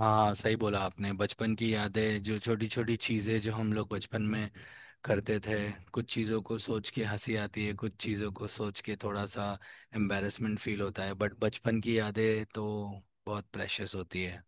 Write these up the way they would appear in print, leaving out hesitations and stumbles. हाँ, सही बोला आपने। बचपन की यादें, जो छोटी छोटी चीज़ें जो हम लोग बचपन में करते थे, कुछ चीज़ों को सोच के हंसी आती है, कुछ चीज़ों को सोच के थोड़ा सा एम्बैरेसमेंट फील होता है, बट बचपन की यादें तो बहुत प्रेशियस होती है।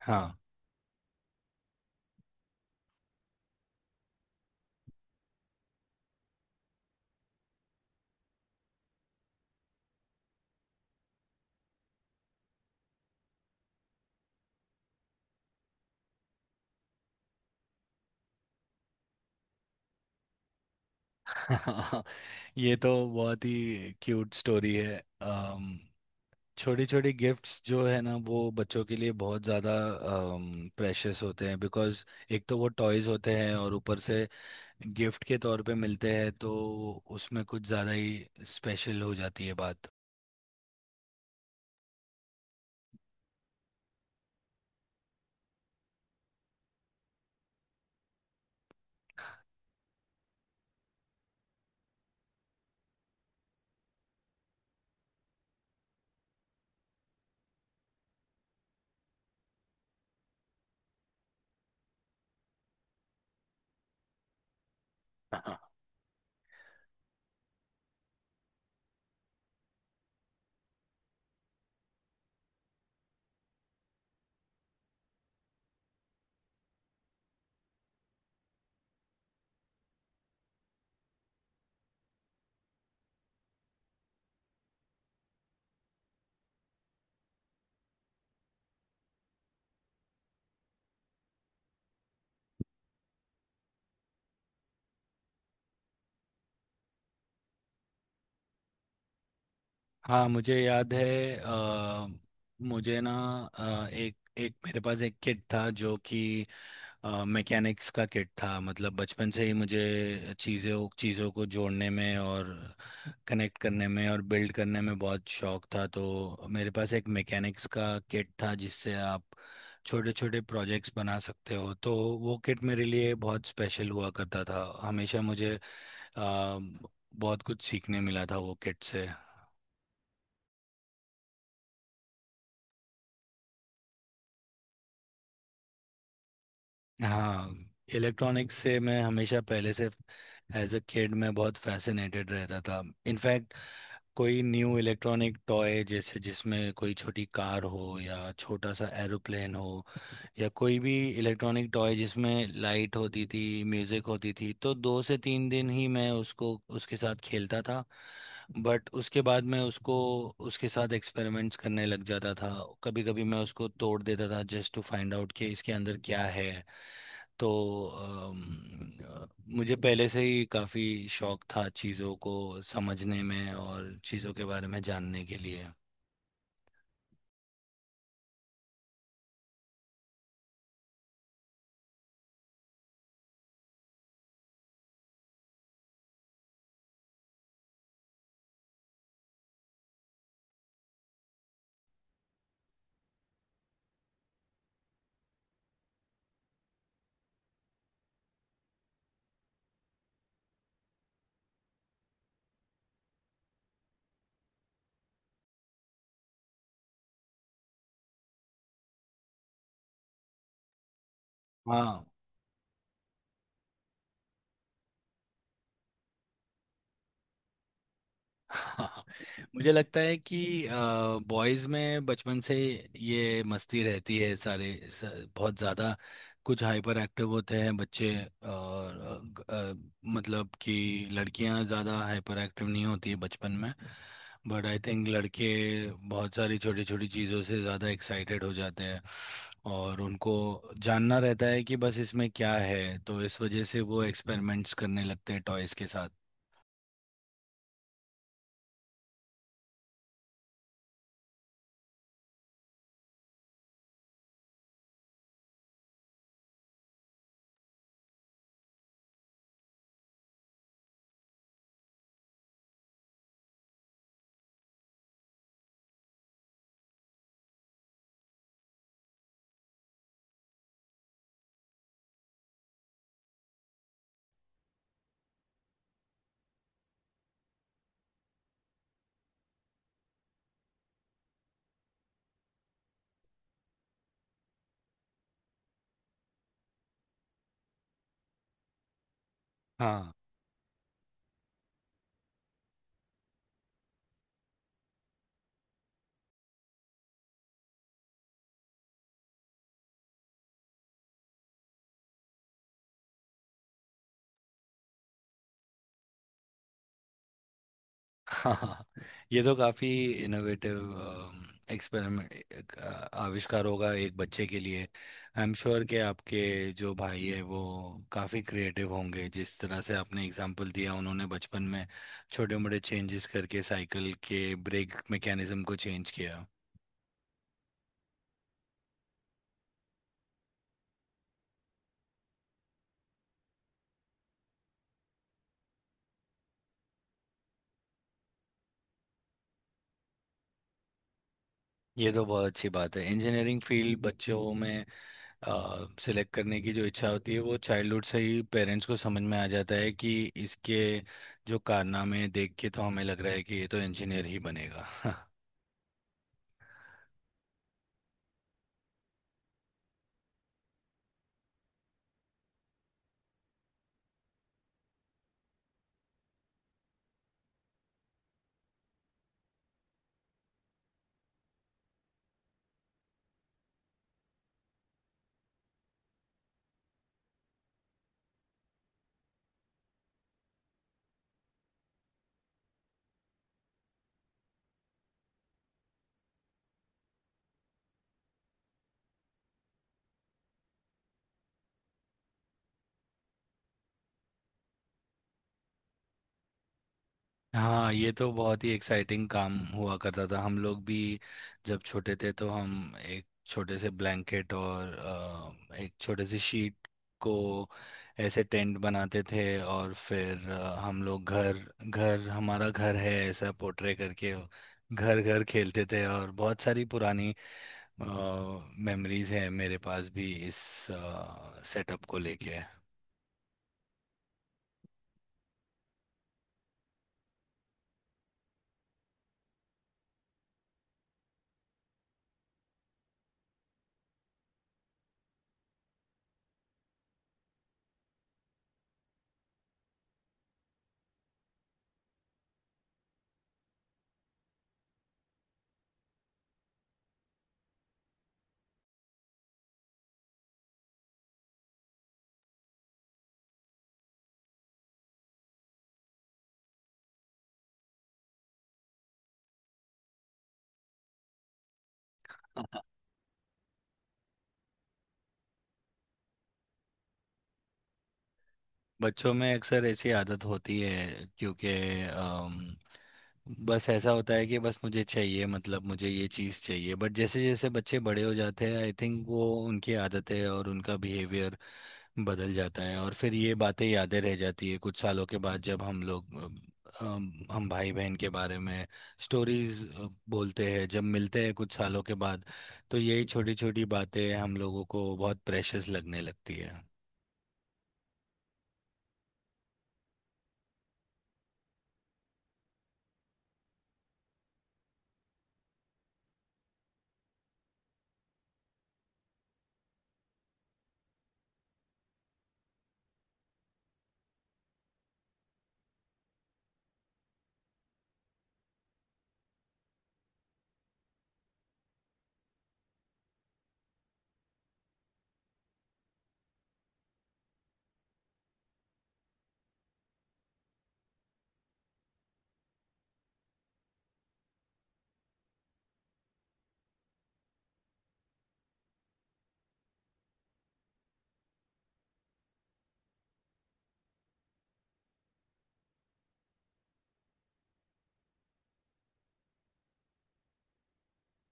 हाँ। ये तो बहुत ही क्यूट स्टोरी है। छोटी छोटी गिफ्ट्स जो है ना, वो बच्चों के लिए बहुत ज़्यादा प्रेशियस होते हैं, बिकॉज़ एक तो वो टॉयज़ होते हैं और ऊपर से गिफ्ट के तौर पे मिलते हैं, तो उसमें कुछ ज़्यादा ही स्पेशल हो जाती है बात। हाँ, मुझे याद है। मुझे ना, एक एक मेरे पास एक किट था जो कि मैकेनिक्स का किट था। मतलब बचपन से ही मुझे चीज़ों चीज़ों को जोड़ने में और कनेक्ट करने में और बिल्ड करने में बहुत शौक था, तो मेरे पास एक मैकेनिक्स का किट था जिससे आप छोटे छोटे प्रोजेक्ट्स बना सकते हो। तो वो किट मेरे लिए बहुत स्पेशल हुआ करता था। हमेशा मुझे आ, बहुत कुछ सीखने मिला था वो किट से। हाँ, इलेक्ट्रॉनिक्स से मैं हमेशा पहले से, एज अ किड, मैं बहुत फैसिनेटेड रहता था। इनफैक्ट कोई न्यू इलेक्ट्रॉनिक टॉय, जैसे जिसमें कोई छोटी कार हो या छोटा सा एरोप्लेन हो या कोई भी इलेक्ट्रॉनिक टॉय जिसमें लाइट होती थी, म्यूजिक होती थी, तो दो से तीन दिन ही मैं उसको, उसके साथ खेलता था। बट उसके बाद मैं उसको, उसके साथ एक्सपेरिमेंट्स करने लग जाता था। कभी कभी मैं उसको तोड़ देता था, जस्ट टू फाइंड आउट कि इसके अंदर क्या है। तो अम, अ, मुझे पहले से ही काफ़ी शौक था चीज़ों को समझने में और चीज़ों के बारे में जानने के लिए। हाँ। हाँ, मुझे लगता है कि बॉयज में बचपन से ये मस्ती रहती है। बहुत ज़्यादा कुछ हाइपर एक्टिव होते हैं बच्चे। और मतलब कि लड़कियां ज़्यादा हाइपर एक्टिव नहीं होती है बचपन में, बट आई थिंक लड़के बहुत सारी छोटी छोटी चीज़ों से ज़्यादा एक्साइटेड हो जाते हैं और उनको जानना रहता है कि बस इसमें क्या है, तो इस वजह से वो एक्सपेरिमेंट्स करने लगते हैं टॉयज़ के साथ। हाँ, ये तो काफी इनोवेटिव एक्सपेरिमेंट, आविष्कार होगा एक बच्चे के लिए। आई एम श्योर कि आपके जो भाई है वो काफी क्रिएटिव होंगे। जिस तरह से आपने एग्जांपल दिया, उन्होंने बचपन में छोटे मोटे चेंजेस करके साइकिल के ब्रेक मैकेनिज्म को चेंज किया। ये तो बहुत अच्छी बात है। इंजीनियरिंग फील्ड बच्चों में सेलेक्ट करने की जो इच्छा होती है, वो चाइल्डहुड से ही पेरेंट्स को समझ में आ जाता है कि इसके जो कारनामे देख के तो हमें लग रहा है कि ये तो इंजीनियर ही बनेगा। हाँ, ये तो बहुत ही एक्साइटिंग काम हुआ करता था। हम लोग भी जब छोटे थे तो हम एक छोटे से ब्लैंकेट और एक छोटे से शीट को ऐसे टेंट बनाते थे, और फिर हम लोग घर घर, हमारा घर है ऐसा पोर्ट्रे करके घर घर खेलते थे। और बहुत सारी पुरानी मेमोरीज है मेरे पास भी इस सेटअप को लेके। बच्चों में अक्सर ऐसी आदत होती है, क्योंकि अम, बस ऐसा होता है कि बस मुझे चाहिए, मतलब मुझे ये चीज़ चाहिए। बट जैसे जैसे बच्चे बड़े हो जाते हैं, आई थिंक वो उनकी आदतें और उनका बिहेवियर बदल जाता है, और फिर ये बातें, यादें रह जाती है कुछ सालों के बाद, जब हम लोग हम भाई बहन के बारे में स्टोरीज बोलते हैं जब मिलते हैं कुछ सालों के बाद, तो यही छोटी छोटी बातें हम लोगों को बहुत प्रेशियस लगने लगती है।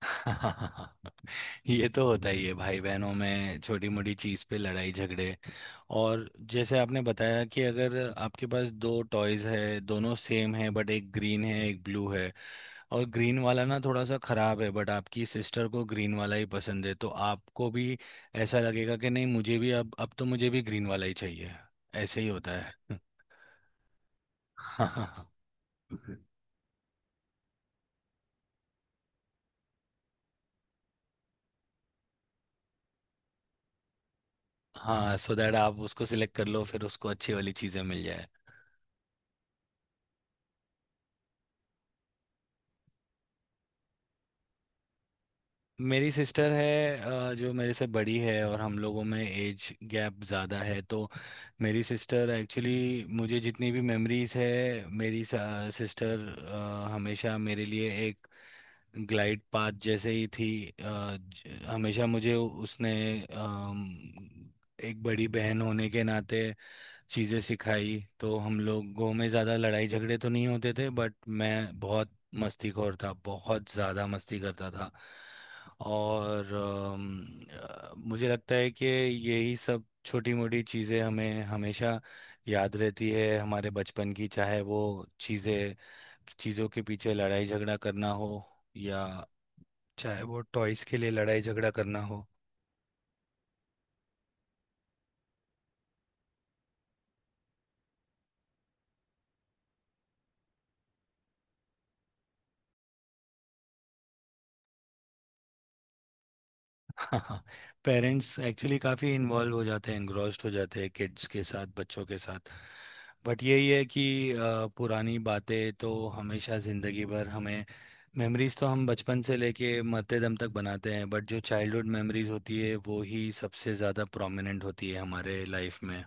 ये तो होता ही है भाई बहनों में, छोटी मोटी चीज पे लड़ाई झगड़े। और जैसे आपने बताया कि अगर आपके पास दो टॉयज है, दोनों सेम है बट एक ग्रीन है एक ब्लू है, और ग्रीन वाला ना थोड़ा सा खराब है, बट आपकी सिस्टर को ग्रीन वाला ही पसंद है, तो आपको भी ऐसा लगेगा कि नहीं, मुझे भी अब तो मुझे भी ग्रीन वाला ही चाहिए। ऐसे ही होता है। हाँ। हाँ, सो दैट आप उसको सिलेक्ट कर लो, फिर उसको अच्छी वाली चीज़ें मिल जाए। मेरी सिस्टर है जो मेरे से बड़ी है, और हम लोगों में एज गैप ज़्यादा है। तो मेरी सिस्टर एक्चुअली, मुझे जितनी भी मेमोरीज है, मेरी सिस्टर हमेशा मेरे लिए एक ग्लाइड पाथ जैसे ही थी। हमेशा मुझे उसने, अम, एक बड़ी बहन होने के नाते चीज़ें सिखाई। तो हम लोगों में ज़्यादा लड़ाई झगड़े तो नहीं होते थे, बट मैं बहुत मस्तीखोर था, बहुत ज़्यादा मस्ती करता था। और मुझे लगता है कि यही सब छोटी मोटी चीज़ें हमें हमेशा याद रहती है हमारे बचपन की, चाहे वो चीज़ें, चीज़ों के पीछे लड़ाई झगड़ा करना हो, या चाहे वो टॉयज़ के लिए लड़ाई झगड़ा करना हो। हाँ, पेरेंट्स एक्चुअली काफ़ी इन्वॉल्व हो जाते हैं, इंग्रॉस्ड हो जाते हैं किड्स के साथ, बच्चों के साथ। बट यही है कि पुरानी बातें तो हमेशा ज़िंदगी भर हमें, मेमोरीज तो हम बचपन से लेके मरते दम तक बनाते हैं, बट जो चाइल्डहुड मेमोरीज होती है वो ही सबसे ज़्यादा प्रोमिनेंट होती है हमारे लाइफ में।